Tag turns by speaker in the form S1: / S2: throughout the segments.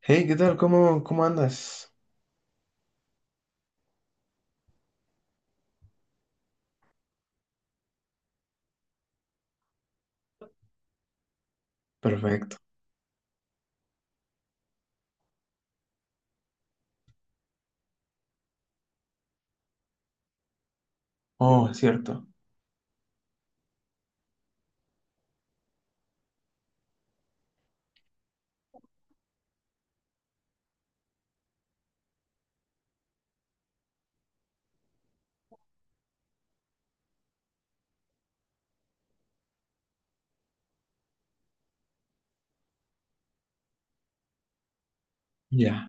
S1: Hey, ¿qué tal? ¿¿Cómo andas? Perfecto. Oh, es cierto. Ya.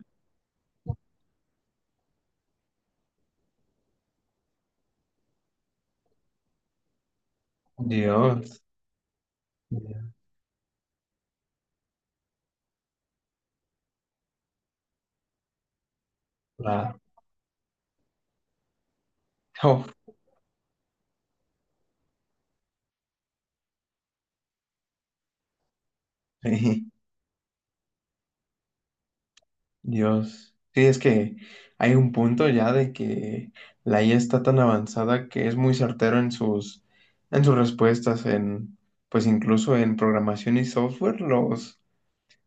S1: Dios. Ya. La- Oh, sí. Dios. Sí, es que hay un punto ya de que la IA está tan avanzada que es muy certero en en sus respuestas, pues incluso en programación y software.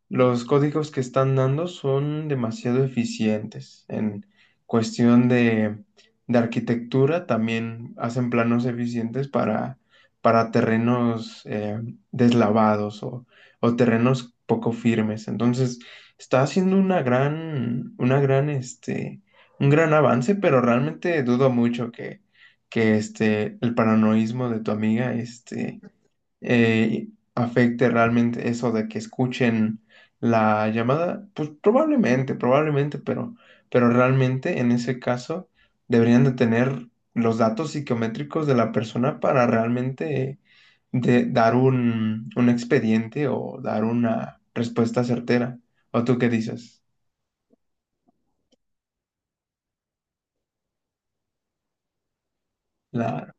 S1: Los códigos que están dando son demasiado eficientes. En cuestión de arquitectura, también hacen planos eficientes para terrenos deslavados o terrenos poco firmes. Entonces, está haciendo una gran, un gran avance, pero realmente dudo mucho que el paranoísmo de tu amiga, eh, afecte realmente eso de que escuchen la llamada, pues probablemente, pero realmente en ese caso deberían de tener los datos psicométricos de la persona para realmente dar un expediente o dar una respuesta certera. ¿O tú qué dices? Claro,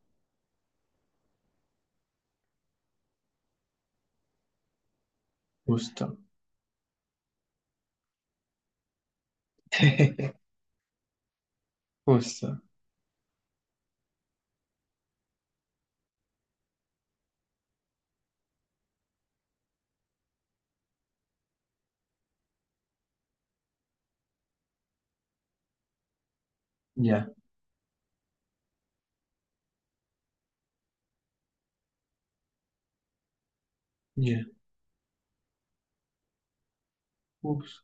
S1: justo, justo, ya, ya, justo.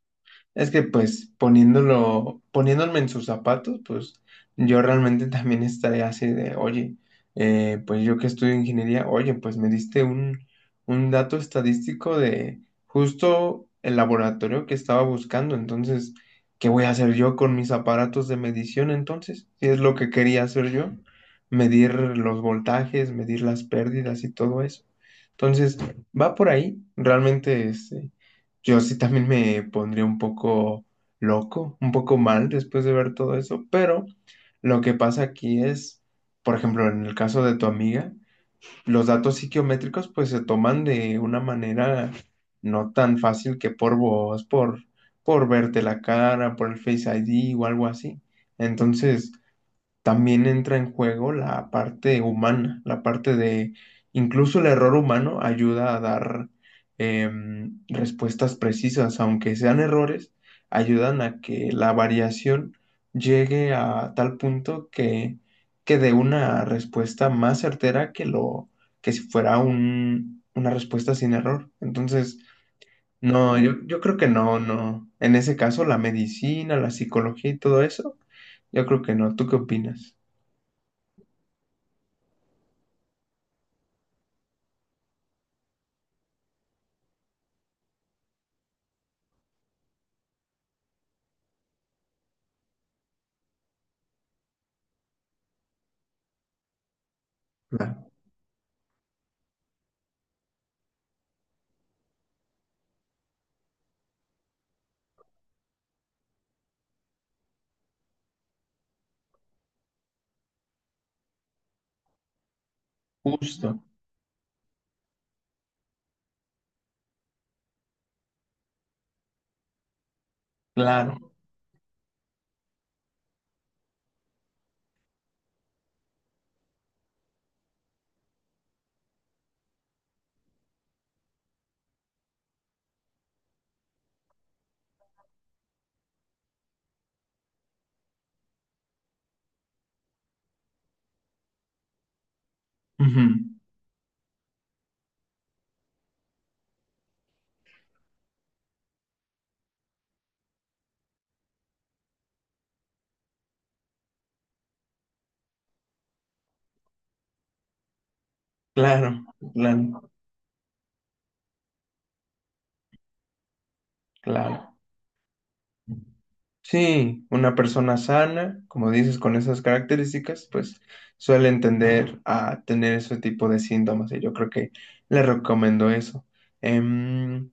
S1: Es que pues poniéndome en sus zapatos, pues yo realmente también estaría así de, oye, pues yo que estudio ingeniería, oye, pues me diste un dato estadístico de justo el laboratorio que estaba buscando, entonces, ¿qué voy a hacer yo con mis aparatos de medición entonces? Si es lo que quería hacer yo, medir los voltajes, medir las pérdidas y todo eso. Entonces, va por ahí, realmente, yo sí también me pondría un poco loco, un poco mal después de ver todo eso, pero lo que pasa aquí es, por ejemplo, en el caso de tu amiga, los datos psiquiométricos pues se toman de una manera no tan fácil que por por verte la cara, por el Face ID o algo así. Entonces, también entra en juego la parte humana, la parte de incluso el error humano ayuda a dar respuestas precisas, aunque sean errores, ayudan a que la variación llegue a tal punto que dé una respuesta más certera que lo que si fuera una respuesta sin error. Entonces, no, yo creo que no, no. En ese caso, la medicina, la psicología y todo eso, yo creo que no. ¿Tú qué opinas? Claro, justo, claro, ujú, claro, claro, claro. Sí, una persona sana, como dices, con esas características, pues suele entender a tener ese tipo de síntomas y yo creo que le recomiendo eso. Em,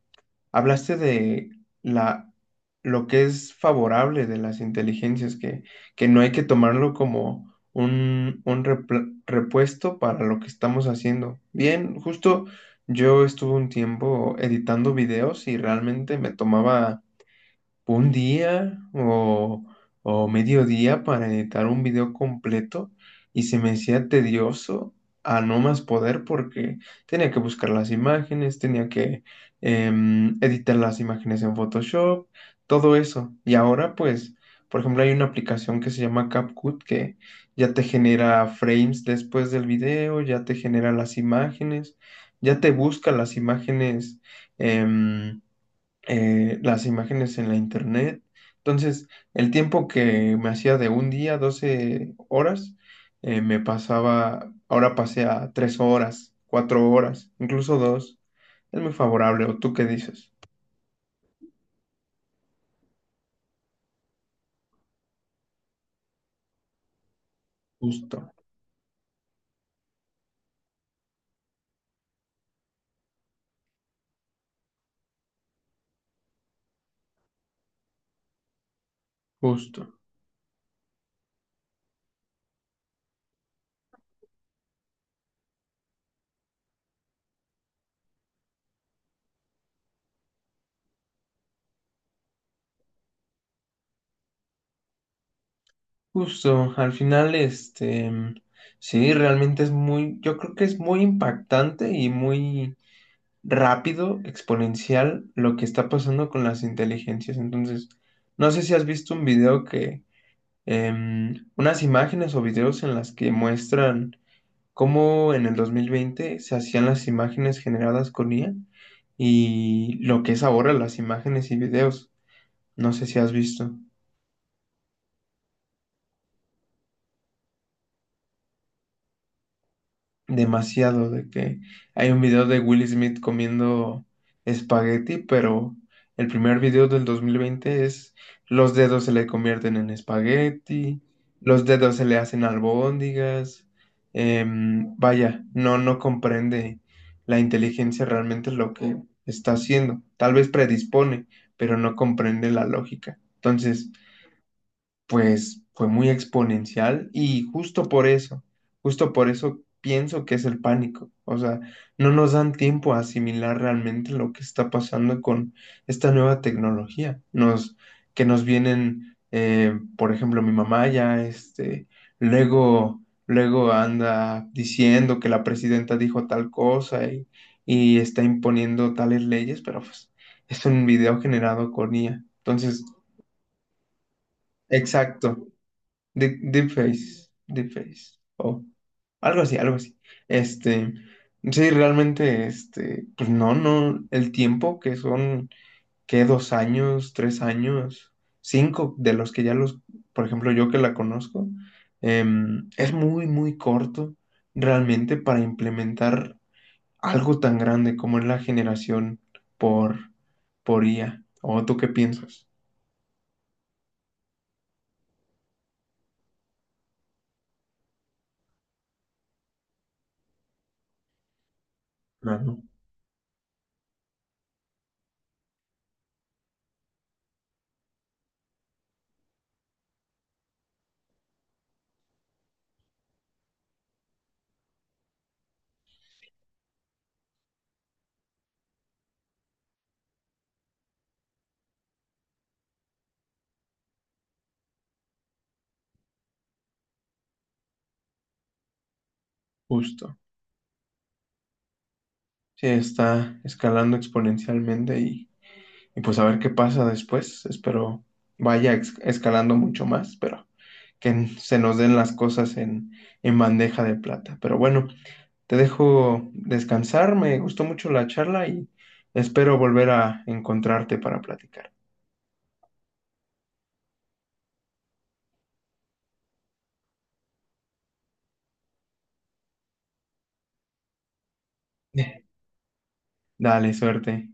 S1: Hablaste de la, lo que es favorable de las inteligencias, que no hay que tomarlo como un repuesto para lo que estamos haciendo. Bien, justo yo estuve un tiempo editando videos y realmente me tomaba un día o medio día para editar un video completo y se me hacía tedioso a no más poder porque tenía que buscar las imágenes, tenía que editar las imágenes en Photoshop, todo eso. Y ahora pues, por ejemplo, hay una aplicación que se llama CapCut que ya te genera frames después del video, ya te genera las imágenes, ya te busca las imágenes em, las imágenes en la internet. Entonces, el tiempo que me hacía de un día, 12 horas, me pasaba, ahora pasé a 3 horas, 4 horas, incluso dos. Es muy favorable, ¿o tú qué dices? Justo, justo, justo. Al final, sí, realmente es muy, yo creo que es muy impactante y muy rápido, exponencial lo que está pasando con las inteligencias. Entonces, no sé si has visto un video unas imágenes o videos en las que muestran cómo en el 2020 se hacían las imágenes generadas con IA y lo que es ahora las imágenes y videos. No sé si has visto. Demasiado, de que hay un video de Will Smith comiendo espagueti, pero el primer video del 2020 es los dedos se le convierten en espagueti, los dedos se le hacen albóndigas. Vaya, no, no comprende la inteligencia realmente lo que está haciendo. Tal vez predispone, pero no comprende la lógica. Entonces, pues fue muy exponencial y justo por eso pienso que es el pánico. O sea, no nos dan tiempo a asimilar realmente lo que está pasando con esta nueva tecnología. Que nos vienen, por ejemplo, mi mamá ya, luego, luego anda diciendo que la presidenta dijo tal cosa y está imponiendo tales leyes, pero pues es un video generado con IA. Entonces, exacto. Deep, Deepface, Deepface, o algo así, algo así. Este, sí, realmente, pues no, no, el tiempo que son, que 2 años, 3 años, cinco de los que ya por ejemplo, yo que la conozco, es muy, muy corto realmente para implementar algo tan grande como es la generación por, por IA. ¿O tú qué piensas? No, no, justo. Sí, está escalando exponencialmente y pues a ver qué pasa después. Espero vaya escalando mucho más, pero que se nos den las cosas en bandeja de plata. Pero bueno, te dejo descansar, me gustó mucho la charla y espero volver a encontrarte para platicar. Dale, suerte.